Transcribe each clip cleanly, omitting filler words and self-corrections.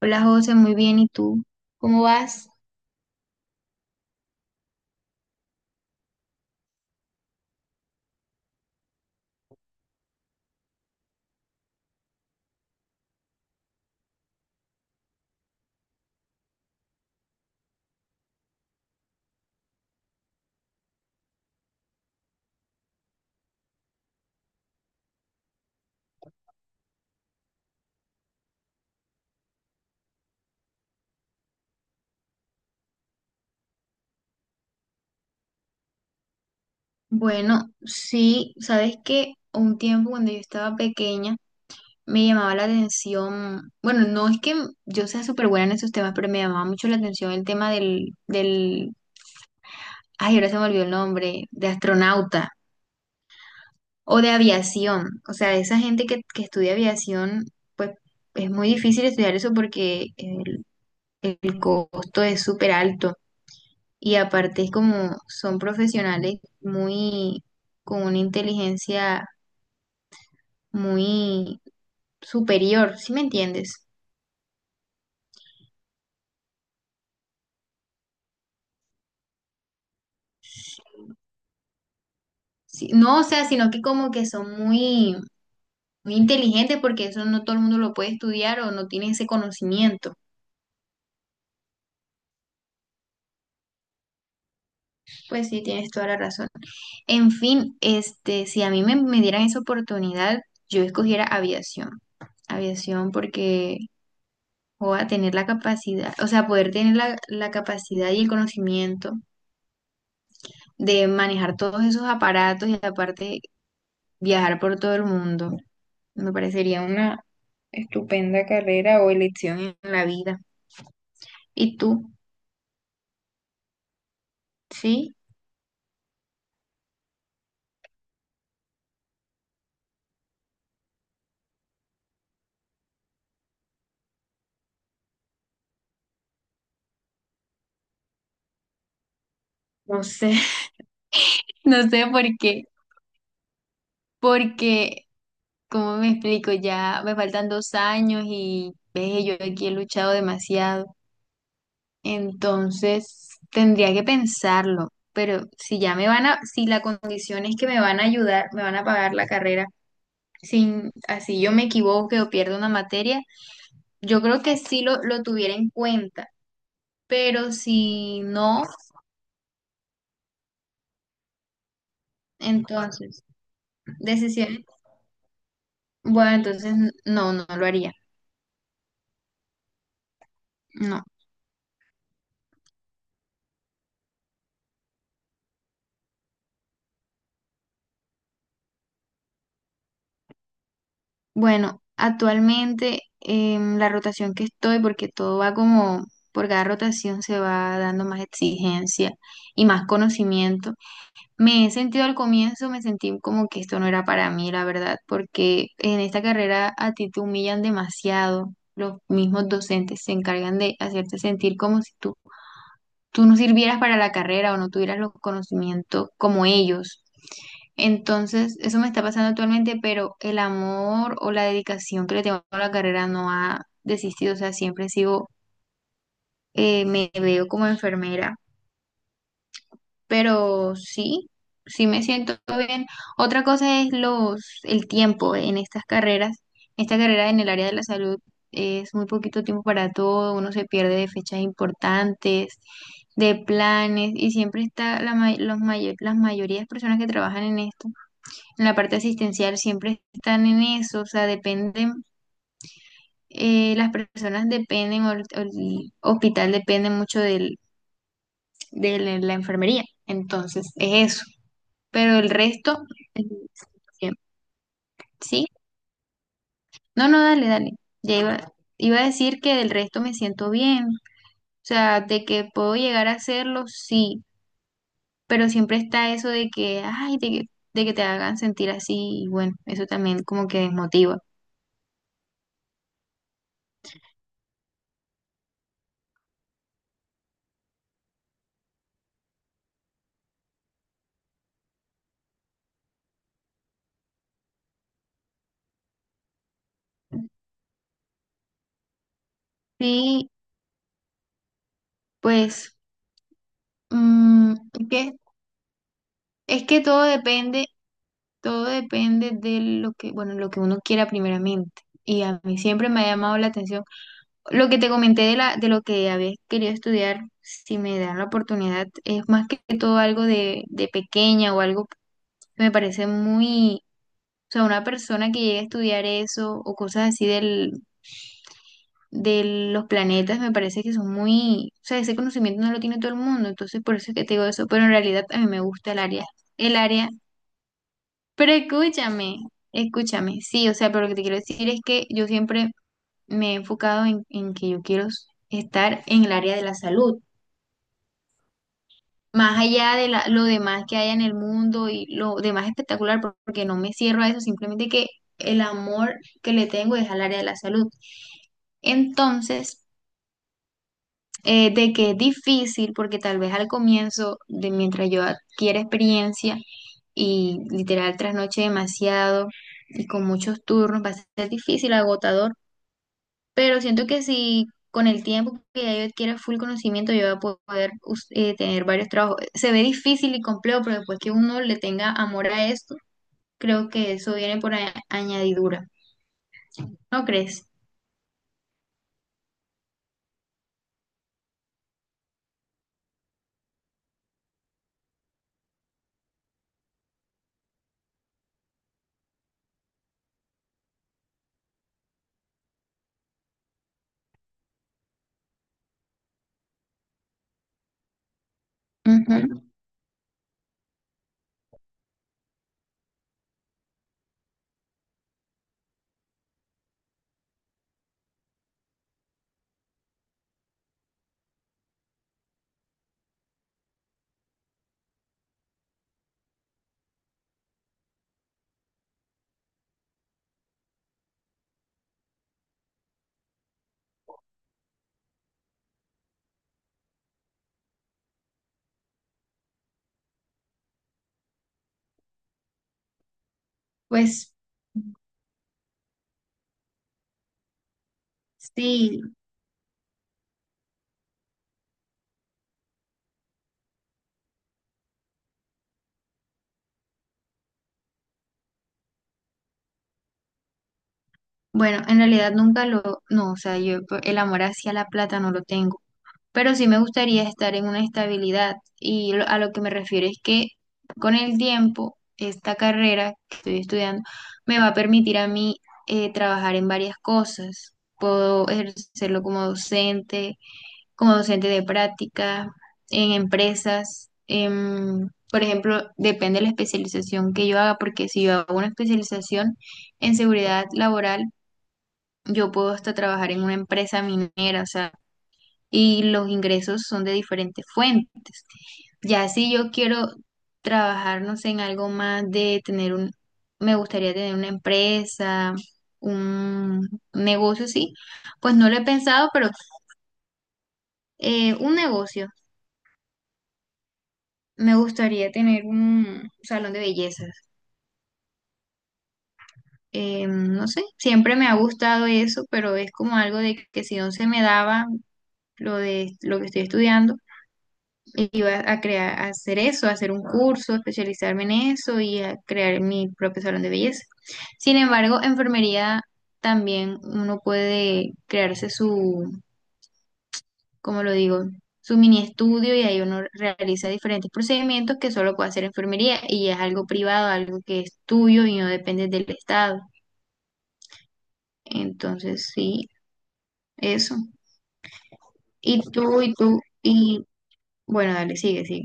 Hola José, muy bien. ¿Y tú? ¿Cómo vas? Bueno, sí, sabes que un tiempo cuando yo estaba pequeña me llamaba la atención, bueno, no es que yo sea súper buena en esos temas, pero me llamaba mucho la atención el tema del, ay, ahora se me olvidó el nombre, de astronauta o de aviación. O sea, esa gente que estudia aviación, pues es muy difícil estudiar eso porque el costo es súper alto. Y aparte es como son profesionales muy, con una inteligencia muy superior, ¿sí me entiendes? Sí, no, o sea, sino que como que son muy, muy inteligentes porque eso no todo el mundo lo puede estudiar o no tiene ese conocimiento. Pues sí, tienes toda la razón. En fin, este, si a mí me dieran esa oportunidad, yo escogiera aviación. Aviación porque voy a tener la capacidad, o sea, poder tener la capacidad y el conocimiento de manejar todos esos aparatos y aparte viajar por todo el mundo. Me parecería una estupenda carrera o elección en la vida. ¿Y tú? Sí, no sé, no sé por qué, porque, ¿cómo me explico? Ya me faltan 2 años y ve, yo aquí he luchado demasiado. Entonces, tendría que pensarlo, pero si ya me van a, si la condición es que me van a ayudar, me van a pagar la carrera, sin, así yo me equivoque o pierdo una materia, yo creo que sí lo tuviera en cuenta, pero si no, entonces, decisiones, bueno, entonces no, no lo haría, no. Bueno, actualmente la rotación que estoy, porque todo va como, por cada rotación se va dando más exigencia y más conocimiento. Me he sentido al comienzo, me sentí como que esto no era para mí, la verdad, porque en esta carrera a ti te humillan demasiado. Los mismos docentes se encargan de hacerte sentir como si tú no sirvieras para la carrera o no tuvieras los conocimientos como ellos. Entonces, eso me está pasando actualmente, pero el amor o la dedicación que le tengo a la carrera no ha desistido, o sea, siempre sigo, me veo como enfermera, pero sí, sí me siento bien. Otra cosa es los, el tiempo en estas carreras. Esta carrera en el área de la salud es muy poquito tiempo para todo, uno se pierde de fechas importantes, de planes, y siempre está la, los las mayorías de personas que trabajan en esto, en la parte asistencial, siempre están en eso, o sea, dependen, las personas dependen, o el hospital depende mucho del, de la enfermería. Entonces, es eso pero el resto, eh, bien. ¿Sí? No, no, dale, dale. Ya iba a decir que del resto me siento bien, o sea, de que puedo llegar a hacerlo, sí, pero siempre está eso de que, ay, de que te hagan sentir así, y bueno, eso también como que desmotiva. Sí, pues, mm, es que, es que todo depende de lo que, bueno, lo que uno quiera primeramente. Y a mí siempre me ha llamado la atención lo que te comenté de, la, de lo que había querido estudiar, si me dan la oportunidad, es más que todo algo de pequeña o algo que me parece muy, o sea, una persona que llegue a estudiar eso o cosas así del, de los planetas, me parece que son muy, o sea, ese conocimiento no lo tiene todo el mundo, entonces por eso es que te digo eso, pero en realidad a mí me gusta el área, pero escúchame, escúchame, sí, o sea, pero lo que te quiero decir es que yo siempre me he enfocado en que yo quiero estar en el área de la salud más allá de lo demás que haya en el mundo y lo demás espectacular, porque no me cierro a eso, simplemente que el amor que le tengo es al área de la salud. Entonces, de que es difícil, porque tal vez al comienzo, de mientras yo adquiera experiencia y literal trasnoche demasiado y con muchos turnos, va a ser difícil, agotador, pero siento que si con el tiempo que ya yo adquiera full conocimiento, yo voy a poder tener varios trabajos. Se ve difícil y complejo, pero después que uno le tenga amor a esto, creo que eso viene por añadidura. ¿No crees? Ujú. Pues sí. Bueno, en realidad nunca lo, no, o sea, yo el amor hacia la plata no lo tengo, pero sí me gustaría estar en una estabilidad. Y a lo que me refiero es que con el tiempo, esta carrera que estoy estudiando me va a permitir a mí trabajar en varias cosas. Puedo ejercerlo como docente de práctica, en empresas. Por ejemplo, depende de la especialización que yo haga, porque si yo hago una especialización en seguridad laboral, yo puedo hasta trabajar en una empresa minera, o sea, y los ingresos son de diferentes fuentes. Ya si yo quiero trabajar, no sé, en algo más de tener un, me gustaría tener una empresa, un negocio, sí, pues no lo he pensado, pero un negocio. Me gustaría tener un salón de bellezas. No sé, siempre me ha gustado eso, pero es como algo de que si no se me daba lo de lo que estoy estudiando, iba a crear, a hacer eso, a hacer un curso, especializarme en eso y a crear mi propio salón de belleza. Sin embargo, enfermería también uno puede crearse su, ¿cómo lo digo? Su mini estudio y ahí uno realiza diferentes procedimientos que solo puede hacer enfermería y es algo privado, algo que es tuyo y no depende del estado. Entonces, sí, eso. Y bueno, dale, sigue, sigue.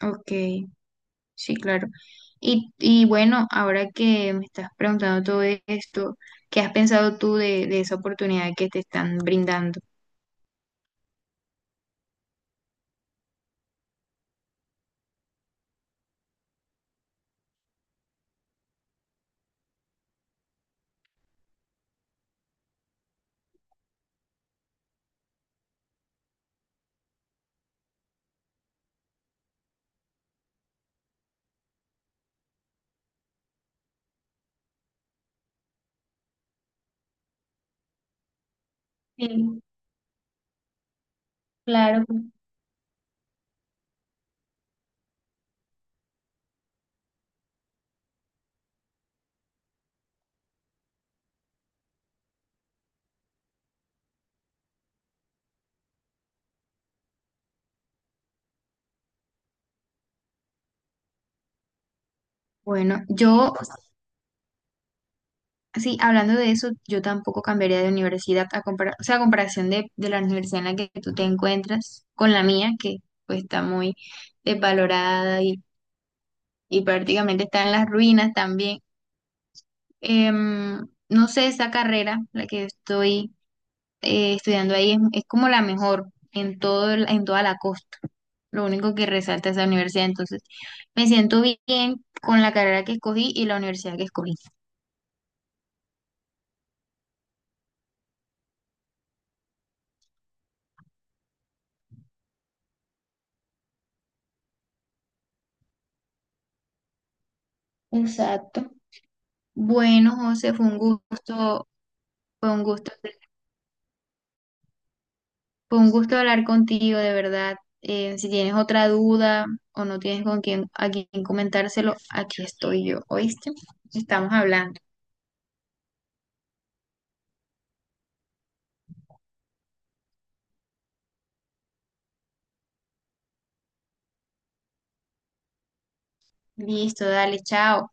Ok. Sí, claro. Y bueno, ahora que me estás preguntando todo esto, ¿qué has pensado tú de esa oportunidad que te están brindando? Sí, claro. Bueno, yo, sí, hablando de eso, yo tampoco cambiaría de universidad a comparar, o sea, a comparación de la universidad en la que tú te encuentras con la mía, que pues está muy desvalorada y prácticamente está en las ruinas también. Em, no sé, esa carrera, la que estoy estudiando ahí es como la mejor en todo, en toda la costa. Lo único que resalta es la universidad. Entonces, me siento bien con la carrera que escogí y la universidad que escogí. Exacto. Bueno, José, fue un gusto, fue un gusto hablar contigo, de verdad. Si tienes otra duda o no tienes con quién, a quién comentárselo, aquí estoy yo, ¿oíste? Estamos hablando. Listo, dale, chao.